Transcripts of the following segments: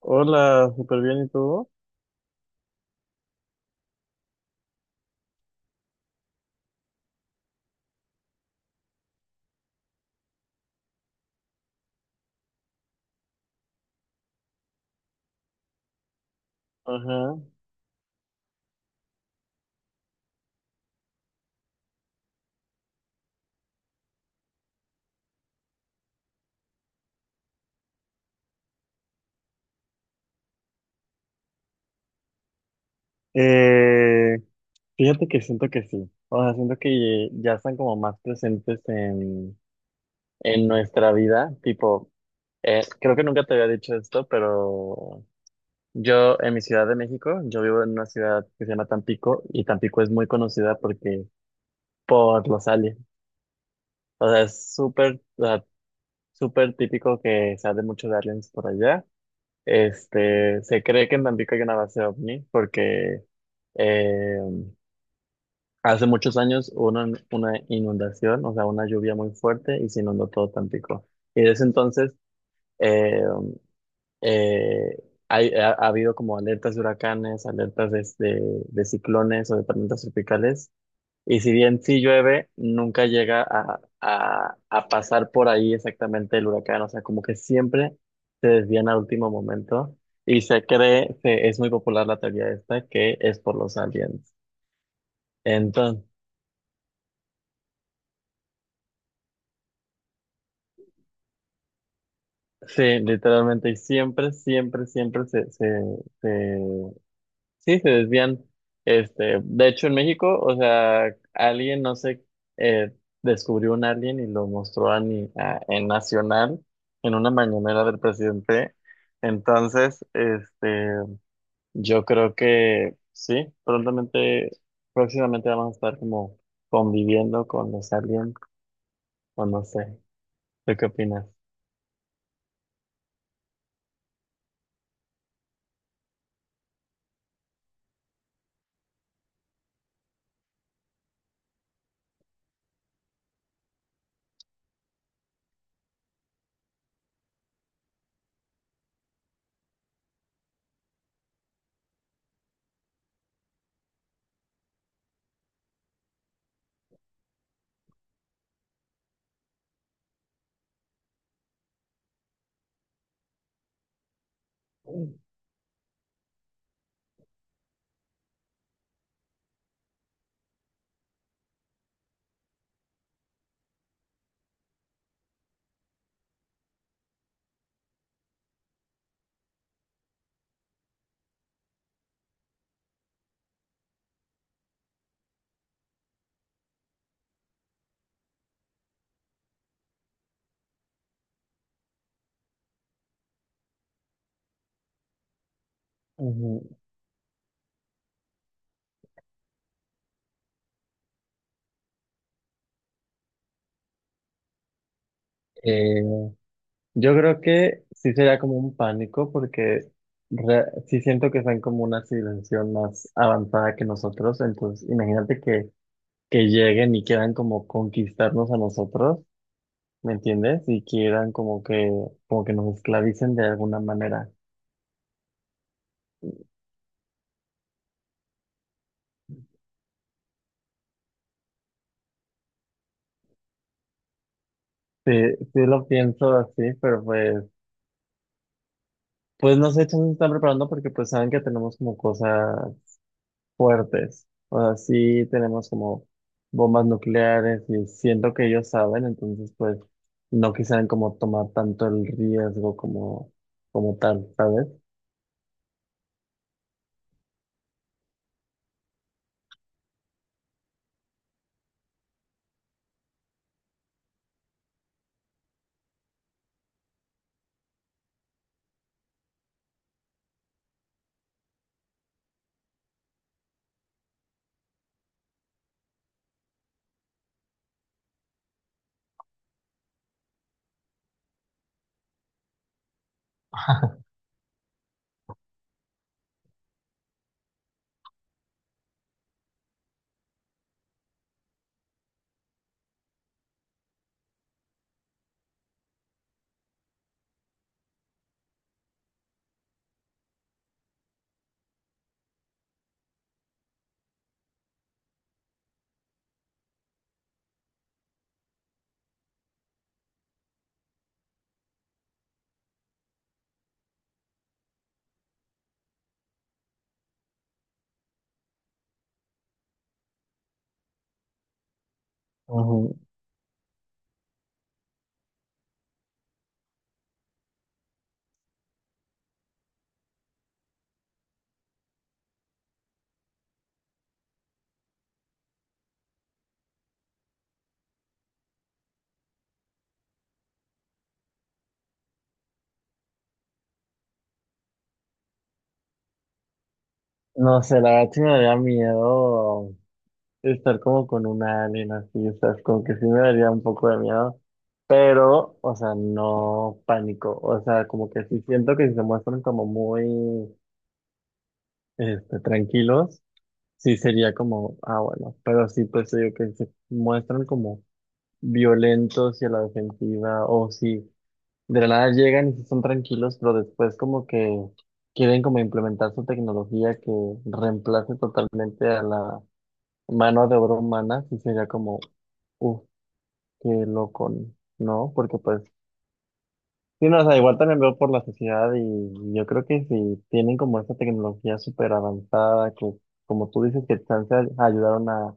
Hola, súper bien, ¿y tú? Ajá. Eh, Fíjate que siento que sí. O sea, siento que ya están como más presentes en nuestra vida. Tipo, creo que nunca te había dicho esto, pero yo en mi ciudad de México, yo vivo en una ciudad que se llama Tampico y Tampico es muy conocida porque por los aliens. O sea, es súper, o sea, súper típico que se hable mucho de aliens por allá. Este, se cree que en Tampico hay una base ovni porque eh, hace muchos años hubo una inundación, o sea, una lluvia muy fuerte y se inundó todo Tampico. Y desde entonces eh, eh, ha habido como alertas de huracanes, alertas de ciclones o de tormentas tropicales y si bien sí llueve, nunca llega a pasar por ahí exactamente el huracán. O sea, como que siempre se desvían al último momento. Y es muy popular la teoría esta, que es por los aliens. Entonces, sí, literalmente, y siempre, siempre, siempre se. Sí, se desvían. Este, de hecho, en México, o sea, alguien, no sé, eh, descubrió un alien y lo mostró a, ni- a- en Nacional, en una mañanera del presidente. Entonces, este, yo creo que sí, próximamente vamos a estar como conviviendo con los aliens, o no sé, ¿tú qué opinas? Ujú. Yo creo que sí sería como un pánico porque sí siento que están como una civilización más avanzada que nosotros, entonces imagínate que lleguen y quieran como conquistarnos a nosotros, ¿me entiendes? Y quieran como como que nos esclavicen de alguna manera. Sí, sí lo pienso así, pues no sé, chance se están preparando porque pues saben que tenemos como cosas fuertes. O sea, sí tenemos como bombas nucleares y siento que ellos saben, entonces pues no quisieran como tomar tanto el riesgo como, como tal, ¿sabes? Ujú. No sé, la verdad sí me daría miedo estar como con una alien así, o sea, es como que sí me daría un poco de miedo, pero, o sea, no pánico, o sea, como que sí siento que si se muestran como muy, este, tranquilos. Sí, sería como, ah, bueno, pero sí, pues te digo que se muestran como violentos y a la defensiva, o si de la nada llegan y sí son tranquilos, pero después como que quieren como implementar su tecnología que reemplace totalmente a la mano de obra humana, sí sería como, uff, qué loco, ¿no? Porque pues sí. No, o sea, igual también veo por la sociedad y yo creo que si tienen como esta tecnología súper avanzada, que como tú dices que chance ayudaron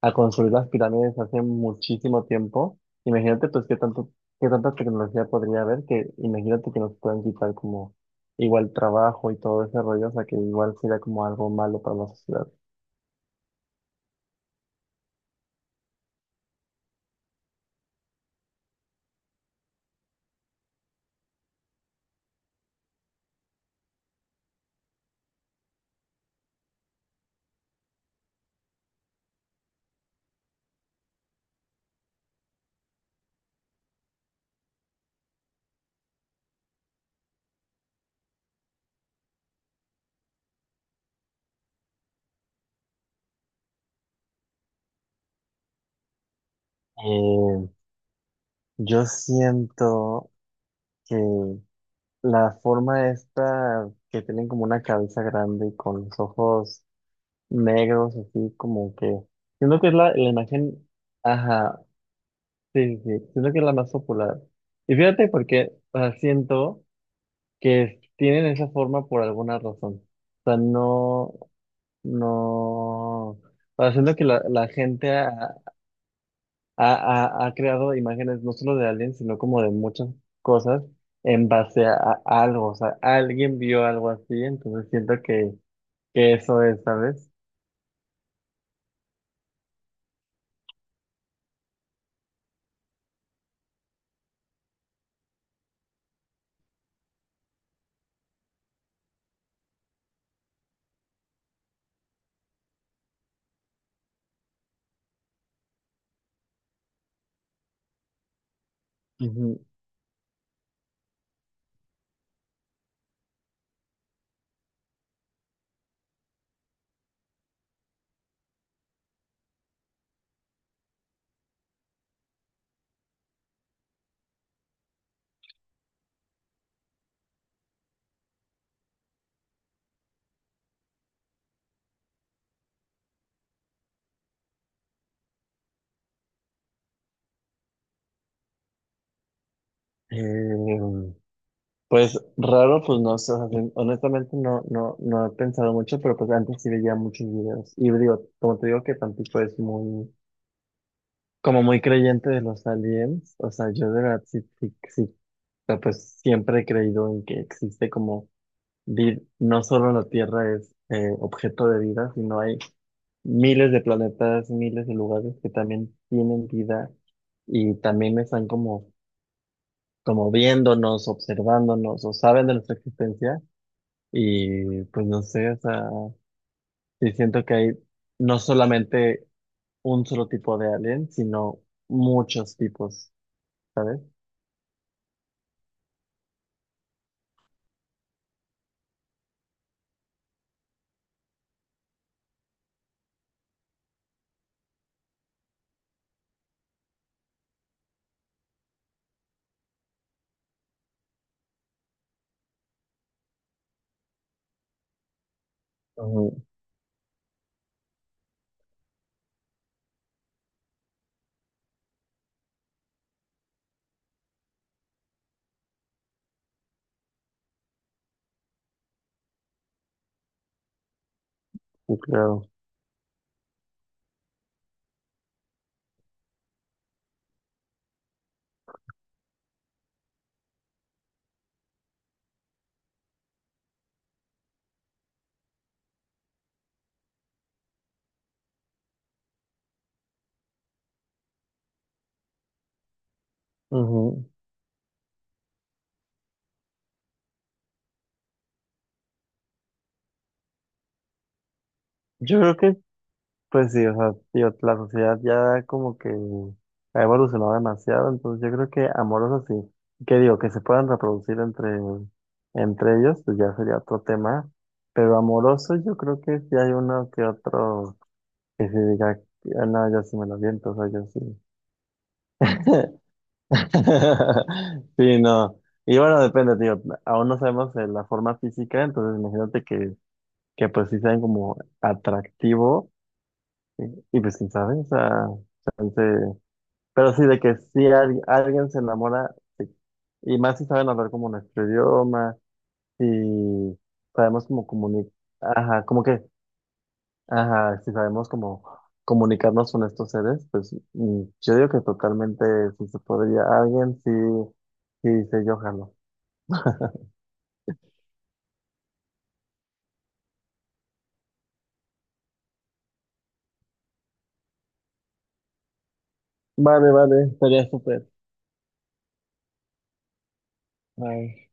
a construir las pirámides hace muchísimo tiempo, imagínate pues qué tanto, qué tanta tecnología podría haber, que imagínate que nos puedan quitar como igual trabajo y todo ese rollo, o sea que igual sería como algo malo para la sociedad. Eh, yo siento que la forma esta que tienen como una cabeza grande y con los ojos negros, así como que. Siento que es la imagen. Ajá, sí, sí, sí, siento que es la más popular. Y fíjate porque, o sea, siento que tienen esa forma por alguna razón. O sea, no, no. O sea, siento que la gente ha creado imágenes no solo de aliens, sino como de muchas cosas en base a algo. O sea, alguien vio algo así, entonces siento que eso es, ¿sabes? Ujú. Eh, Pues raro, pues no sé, o sea, honestamente no, no, no he pensado mucho, pero pues antes sí veía muchos videos. Y digo, como te digo que Tampico es muy, como muy creyente de los aliens, o sea, yo de verdad sí, sí, sí, o sea, pues siempre he creído en que existe como, no solo la Tierra es objeto de vida, sino hay miles de planetas, miles de lugares que también tienen vida y también están como, como viéndonos, observándonos o saben de nuestra existencia. Y pues no sé, o sea, sí siento que hay no solamente un solo tipo de alien, sino muchos tipos, ¿sabes? Ujú, sí, claro. Ujú. Yo creo que, pues sí, o sea, tío, la sociedad ya como que ha evolucionado demasiado, entonces yo creo que amorosos sí. ¿Qué digo? Que se puedan reproducir entre ellos, pues ya sería otro tema. Pero amoroso yo creo que sí hay uno que otro que se diga, "Ah, no, yo sí me lo viento, o sea, yo sí." Sí, no. Y bueno, depende, tío. Aún no sabemos la forma física, entonces imagínate que pues sí sean como atractivo y, y, pues quién sabe, o sea, chance. Pero sí, de que si alguien se enamora, sí. Y más si saben hablar como nuestro idioma, si sabemos como comunicar, ajá, como que, ajá, si sabemos como comunicarnos con estos seres, pues mm, yo digo que totalmente si se podría, alguien sí, sí, se yo jalo. Vale, vale, estaría súper. Ay.